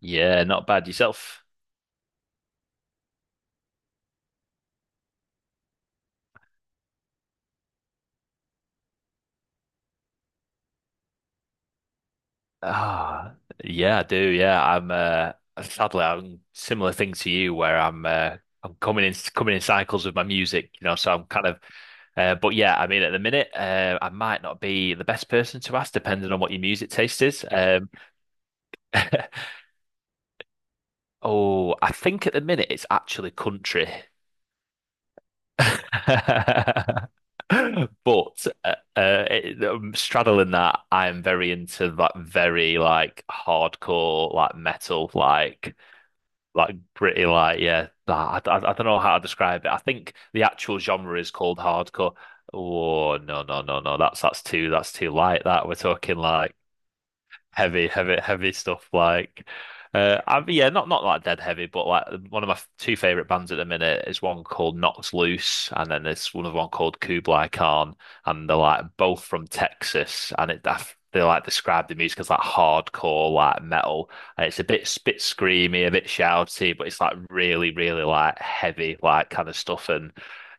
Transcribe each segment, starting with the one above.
Yeah, not bad yourself. Ah, yeah, I do. Yeah, I'm. Sadly, I'm similar thing to you, where I'm coming in cycles with my music. So I'm kind of. But yeah, I mean, at the minute, I might not be the best person to ask, depending on what your music taste is. Oh, I think at the minute it's actually country. But straddling that, I'm very into that very like hardcore like metal like. I don't know how to describe it. I think the actual genre is called hardcore. Oh, no, no, no, no. That's too light. That we're talking like heavy, heavy, heavy stuff. Yeah, not like dead heavy, but like one of my f- two favorite bands at the minute is one called Knox Loose, and then there's one called Kublai Khan, and they're like both from Texas, they like describe the music as like hardcore, like metal, and it's a bit screamy, a bit shouty, but it's like really, really like heavy, like kind of stuff. And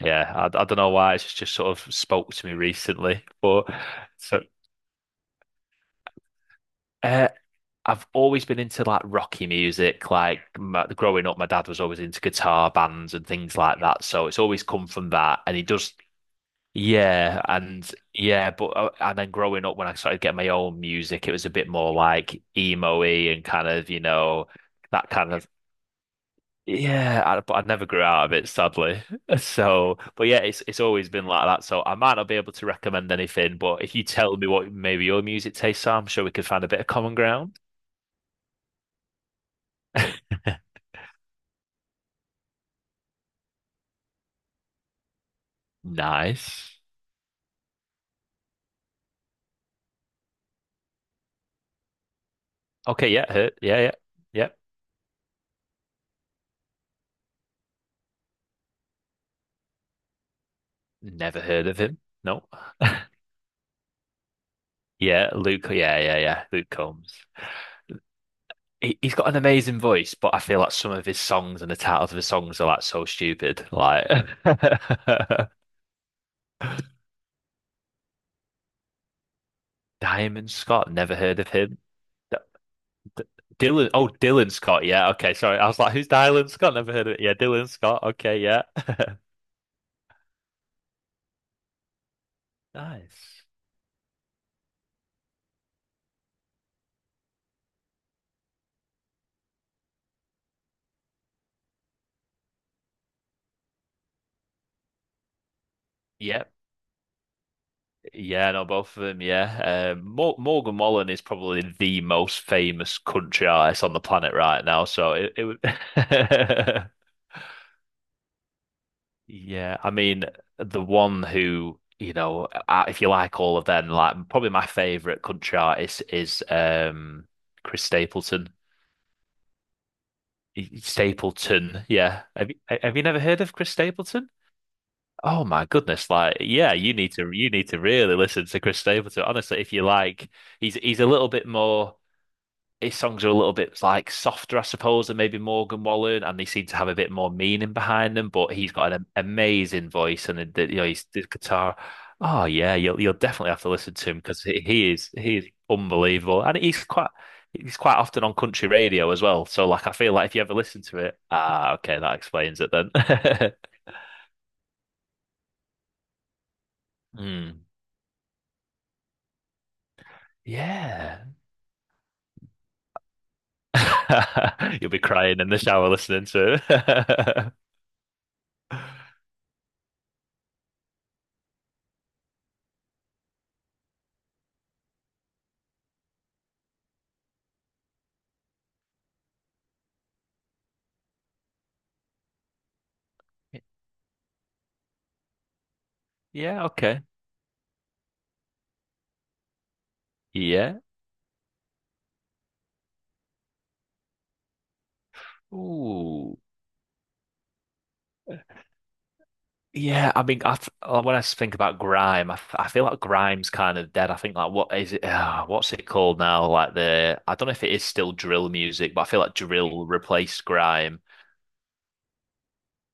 yeah, I don't know why it's just sort of spoke to me recently, but so uh, I've always been into like rocky music. Like my, growing up, my dad was always into guitar bands and things like that. So it's always come from that. And he does, yeah, and yeah, but and then growing up, when I started getting my own music, it was a bit more like emo-y and kind of, you know, that kind of yeah. But I never grew out of it, sadly. So, but yeah, it's always been like that. So I might not be able to recommend anything, but if you tell me what maybe your music tastes are, I'm sure we could find a bit of common ground. Nice. Okay, yeah, heard. Yeah, yeah, yeah. Never heard of him. No. Yeah, Luke. Yeah, yeah, yeah. Luke Combs. He's got an amazing voice, but I feel like some of his songs and the titles of his songs are like so stupid. Like Diamond Scott. Never heard of him. D D Dylan. Oh, Dylan Scott. Yeah. Okay. Sorry. I was like, who's Dylan Scott? Never heard of it. Yeah, Dylan Scott. Okay. Yeah. Nice. Yep. Yeah, no, both of them. Morgan Wallen is probably the most famous country artist on the planet right now. So it would, yeah. I mean, the one who you know, if you like all of them, like probably my favorite country artist is Chris Stapleton. Stapleton, yeah. Have you never heard of Chris Stapleton? Oh my goodness! Like, yeah, you need to really listen to Chris Stapleton. Honestly, if you like, he's a little bit more. His songs are a little bit like softer, I suppose, than maybe Morgan Wallen, and they seem to have a bit more meaning behind them. But he's got an amazing voice, and you know his the guitar. Oh yeah, you'll definitely have to listen to him because he is unbelievable, and he's quite often on country radio as well. So like, I feel like if you ever listen to it, ah, okay, that explains it then. Hmm. Yeah. You'll be crying in the shower listening to it. Yeah, okay. Yeah. Ooh. Yeah, I mean, I th when I think about grime, I feel like grime's kind of dead. I think, like, what is it? What's it called now? Like the I don't know if it is still drill music, but I feel like drill replaced grime.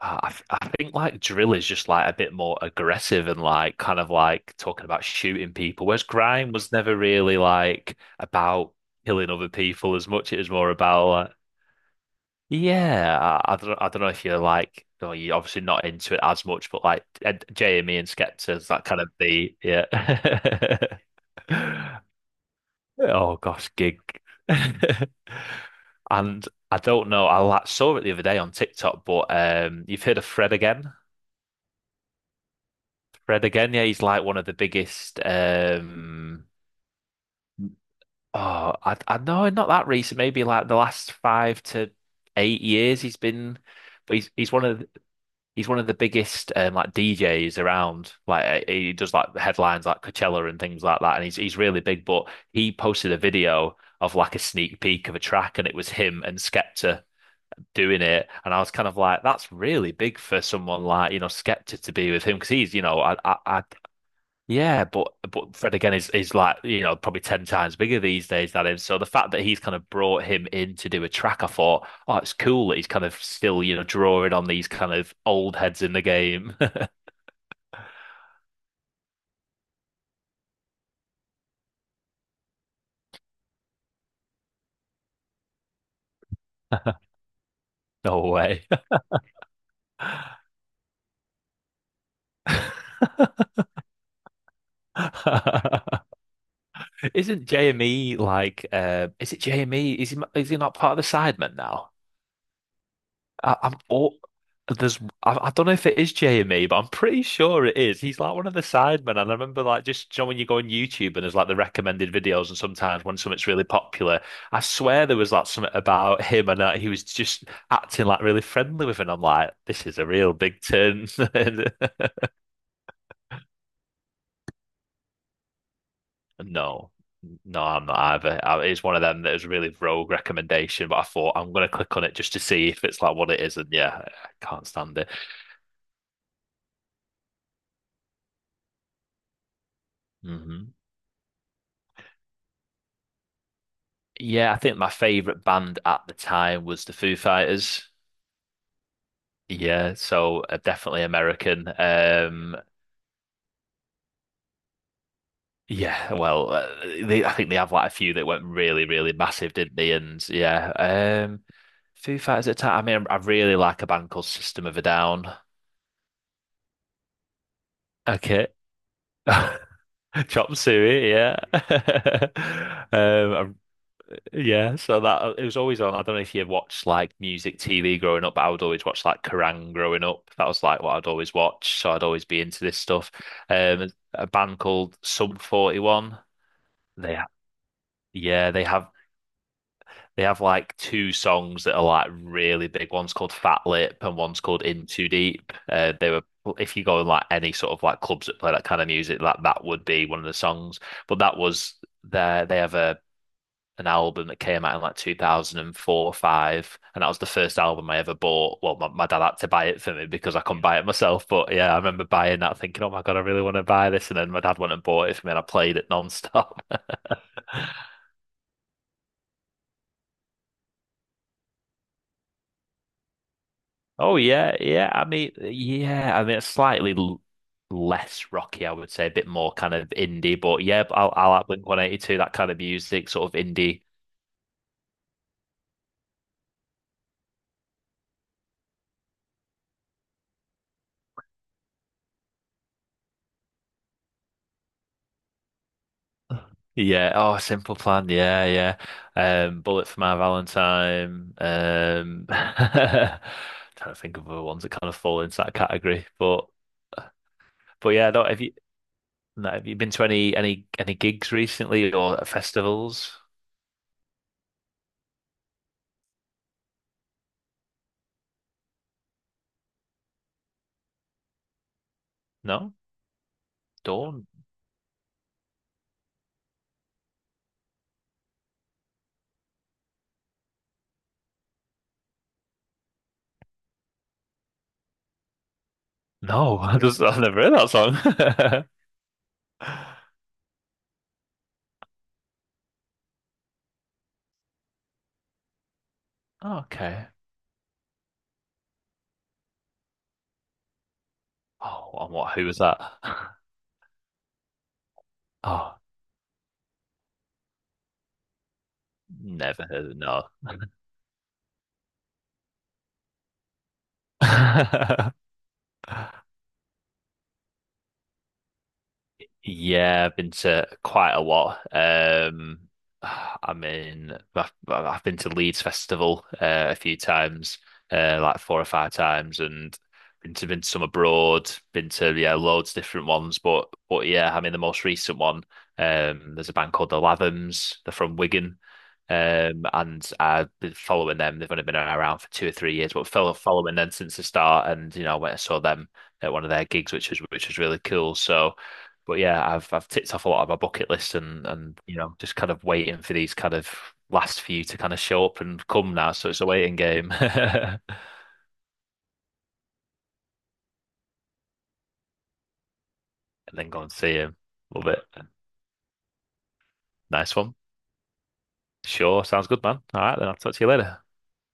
I think like drill is just like a bit more aggressive and like kind of like talking about shooting people, whereas grime was never really like about killing other people as much. It was more about like. Yeah, I don't know if you're like, well, you're obviously not into it as much, but like Ed, Jamie and Skepta is that kind of the yeah. Oh gosh, gig. And I don't know. Saw it the other day on TikTok, but you've heard of Fred again? Fred again? Yeah, he's like one of the biggest. Oh, I know, not that recent. Maybe like the last 5 to 8 years, he's been. But he's one of the biggest like DJs around. He does like headlines like Coachella and things like that, and he's really big. But he posted a video of like a sneak peek of a track, and it was him and Skepta doing it. And I was kind of like, that's really big for someone like you know Skepta to be with him because he's you know I yeah, but Fred again is like you know probably ten times bigger these days than him. So the fact that he's kind of brought him in to do a track, I thought, oh, it's cool that he's kind of still you know drawing on these kind of old heads in the game. No way. Isn't JME like? Is it JME? Is he not part of the Sidemen now? I, I'm all there's I don't know if it is JME, but I'm pretty sure it is. He's like one of the sidemen, and I remember like just you know, when you go on YouTube and there's like the recommended videos, and sometimes when something's really popular, I swear there was like something about him and he was just acting like really friendly with him. I'm like, this is a real big turn. No, no, I'm not either. It's one of them that is really rogue recommendation, but I thought I'm gonna click on it just to see if it's like what it is, and yeah, I can't stand it. Mhm. Yeah, I think my favorite band at the time was the Foo Fighters. Yeah, so definitely American. Yeah, well, I think they have like a few that went really, really massive, didn't they? And yeah, um, Foo Fighters at the time. I mean, I really like a band called System of a Down. Okay, Chop Suey. Yeah, um, yeah, so that it was always on. I don't know if you watched like music TV growing up, but I would always watch like Kerrang growing up. That was like what I'd always watch, so I'd always be into this stuff. A band called Sum 41. They ha- yeah, they have They have like two songs that are like really big. One's called Fat Lip and one's called In Too Deep. They were, if you go in like any sort of like clubs that play that kind of music, that that would be one of the songs. But that was their, they have a an album that came out in like 2004 or 5, and that was the first album I ever bought. Well, my dad had to buy it for me because I couldn't buy it myself, but yeah, I remember buying that thinking, oh my God, I really want to buy this, and then my dad went and bought it for me, and I played it non-stop. Oh yeah, yeah, I mean, yeah, I mean, it's slightly less rocky, I would say, a bit more kind of indie, but yeah, I'll like Blink 182, that kind of music, sort of indie. Yeah. Oh, Simple Plan. Yeah, yeah. Bullet for My Valentine. Trying to think of other ones that kind of fall into that category. But yeah, no, have you been to any any gigs recently or festivals? No, Dawn. No, I just I've never heard that song. Okay. Oh, and what? Who was that? Oh, never heard it. No. Yeah, I've been to quite a lot. I mean, I've been to Leeds Festival a few times, like 4 or 5 times, and been to some abroad. Been to, yeah, loads of different ones, but yeah, I mean the most recent one. There's a band called the Lathams. They're from Wigan, and I've been following them. They've only been around for 2 or 3 years, but following them since the start. And you know, I went and saw them at one of their gigs, which was really cool. So but yeah, I've ticked off a lot of my bucket list, and you know just kind of waiting for these kind of last few to kind of show up and come now. So it's a waiting game, and then go and see him. Love it. Nice one. Sure, sounds good, man. All right, then I'll talk to you later.